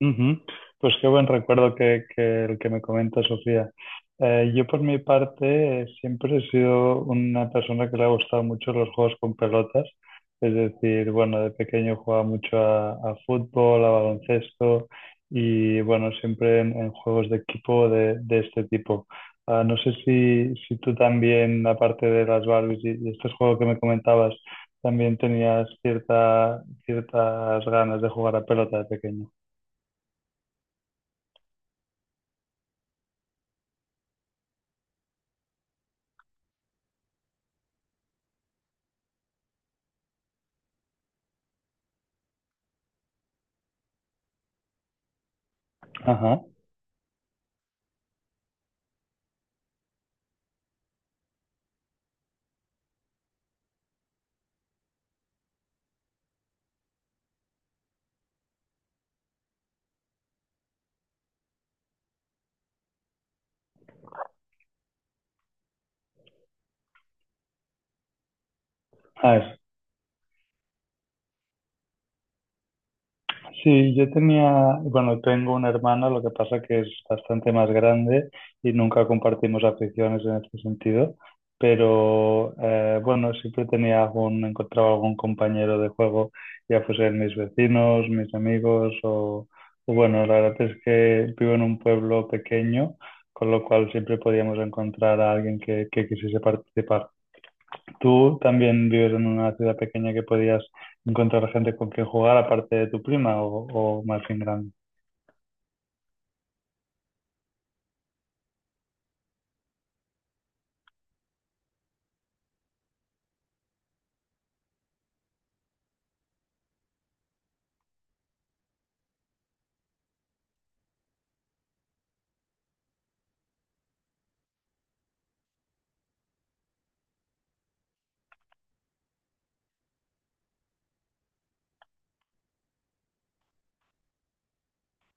Ujú. Pues qué buen recuerdo que el que me comenta Sofía. Yo por mi parte siempre he sido una persona que le ha gustado mucho los juegos con pelotas. Es decir, bueno, de pequeño jugaba mucho a fútbol, a baloncesto y bueno, siempre en juegos de equipo de este tipo. No sé si tú también, aparte de las Barbies y este juego que me comentabas, también tenías ciertas ganas de jugar a pelota de pequeño. Ajá. A ver, sí, yo tenía, bueno, tengo una hermana lo que pasa que es bastante más grande y nunca compartimos aficiones en este sentido, pero bueno, siempre tenía algún, encontraba algún compañero de juego, ya fuesen mis vecinos, mis amigos o bueno, la verdad es que vivo en un pueblo pequeño, con lo cual siempre podíamos encontrar a alguien que quisiese participar. Tú también vives en una ciudad pequeña que podías encontrar gente con quien jugar aparte de tu prima o más bien grande.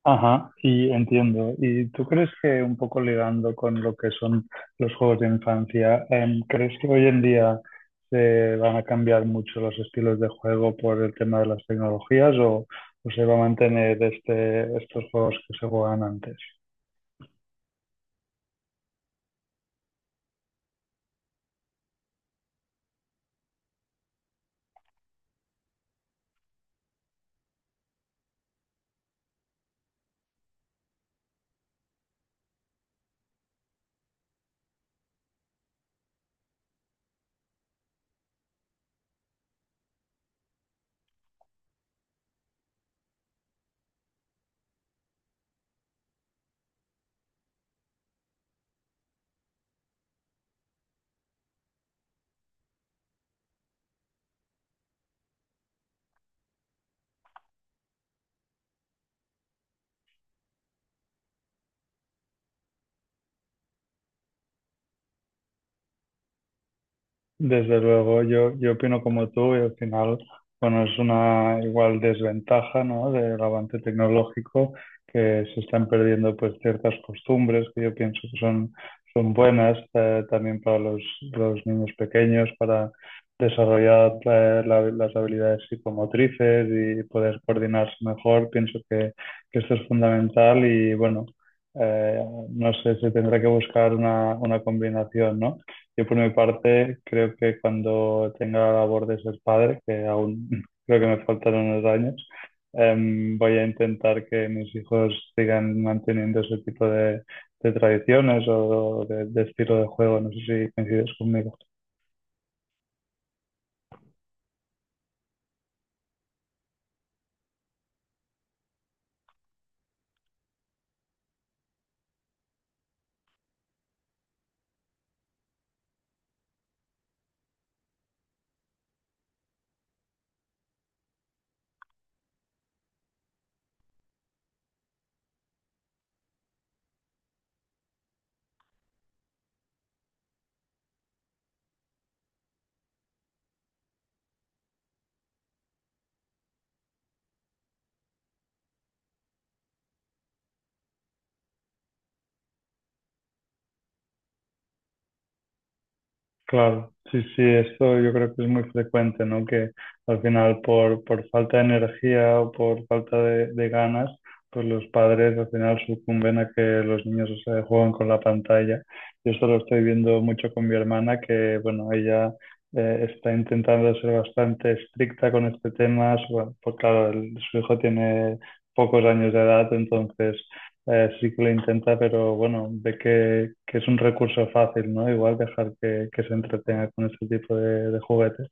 Ajá, y entiendo. ¿Y tú crees que un poco ligando con lo que son los juegos de infancia, crees que hoy en día se van a cambiar mucho los estilos de juego por el tema de las tecnologías o se va a mantener estos juegos que se jugaban antes? Desde luego, yo opino como tú y al final, bueno, es una igual desventaja, ¿no? Del avance tecnológico que se están perdiendo pues ciertas costumbres que yo pienso que son buenas también para los niños pequeños, para desarrollar las habilidades psicomotrices y poder coordinarse mejor. Pienso que esto es fundamental y bueno, eh, no sé, se tendrá que buscar una combinación, ¿no? Yo por mi parte creo que cuando tenga la labor de ser padre, que aún creo que me faltan unos años, voy a intentar que mis hijos sigan manteniendo ese tipo de tradiciones o de estilo de juego. No sé si coincides conmigo. Claro, sí, sí, esto yo creo que es muy frecuente, ¿no? Que al final por falta de energía o por falta de ganas, pues los padres al final sucumben a que los niños se juegan con la pantalla. Yo esto lo estoy viendo mucho con mi hermana, que bueno, ella está intentando ser bastante estricta con este tema, bueno, pues claro, su hijo tiene pocos años de edad, entonces sí que lo intenta, pero bueno, ve que es un recurso fácil, ¿no? Igual dejar que se entretenga con este tipo de juguetes.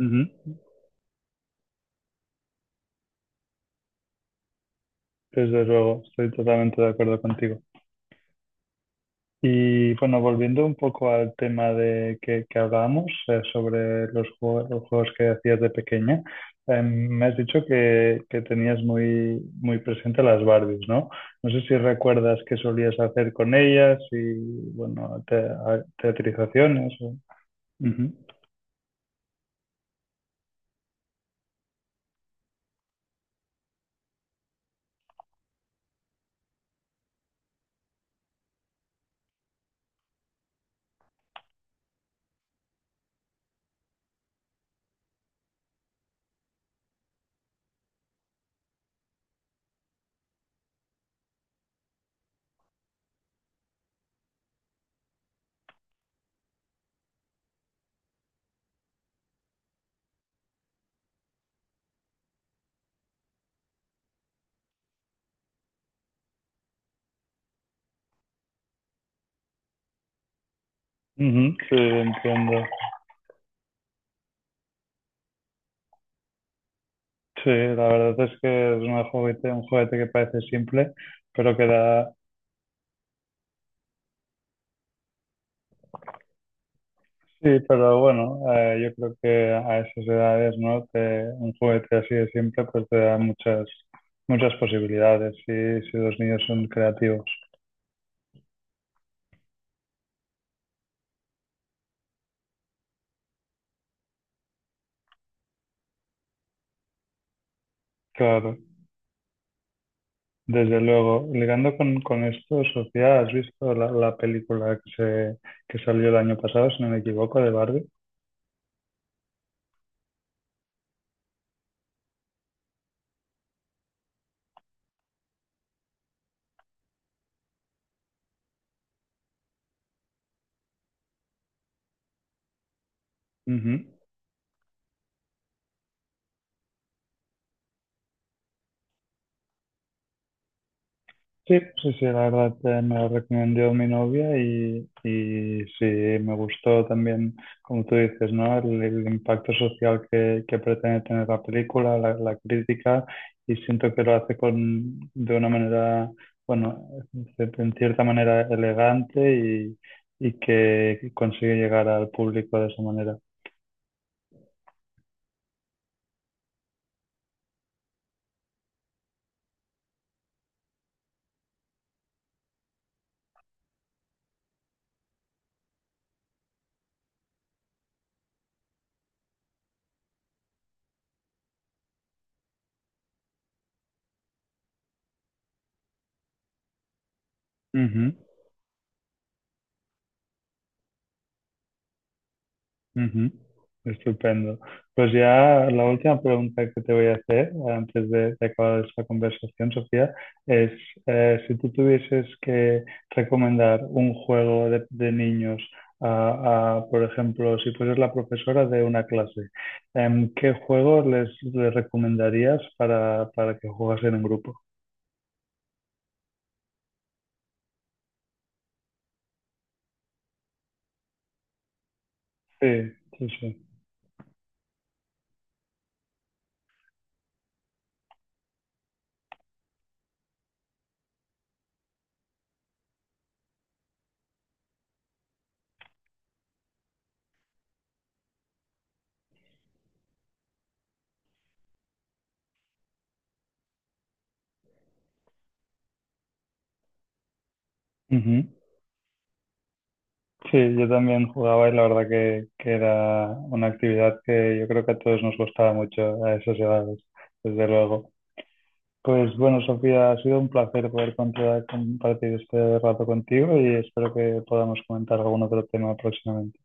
Ujú. Desde luego, estoy totalmente de acuerdo contigo. Y bueno, volviendo un poco al tema de que hablábamos sobre los juegos que hacías de pequeña, me has dicho que tenías muy presente las Barbies, ¿no? No sé si recuerdas qué solías hacer con ellas y, bueno, te- a- teatrizaciones. O- Ujú. Ujú, sí, entiendo. Sí, la verdad es que es una juguete, un juguete que parece simple, pero que da... Sí, pero bueno, yo creo que a esas edades, ¿no? Te- un juguete así de simple, pues te da muchas posibilidades si los niños son creativos. Claro, desde luego. Ligando con esto, Sofía, ¿has visto la película que se, que salió el año pasado, si no me equivoco, de Barbie? Ujú. Sí, sí, sí, la verdad me la recomendó mi novia y sí, me gustó también, como tú dices, ¿no? El impacto social que pretende tener la película, la crítica, y siento que lo hace con, de una manera, bueno, en cierta manera elegante y que consigue llegar al público de esa manera. Ujú. Ujú, estupendo. Pues ya la última pregunta que te voy a hacer antes de acabar esta conversación, Sofía, es si tú tuvieses que recomendar un juego de niños por ejemplo, si fueras la profesora de una clase, ¿qué juego les recomendarías para que jugasen en grupo? Sí, sí, sí. Sí, yo también jugaba y la verdad que era una actividad que yo creo que a todos nos gustaba mucho a esas edades, desde luego. Pues bueno, Sofía, ha sido un placer poder contar- compartir este rato contigo y espero que podamos comentar algún otro tema próximamente.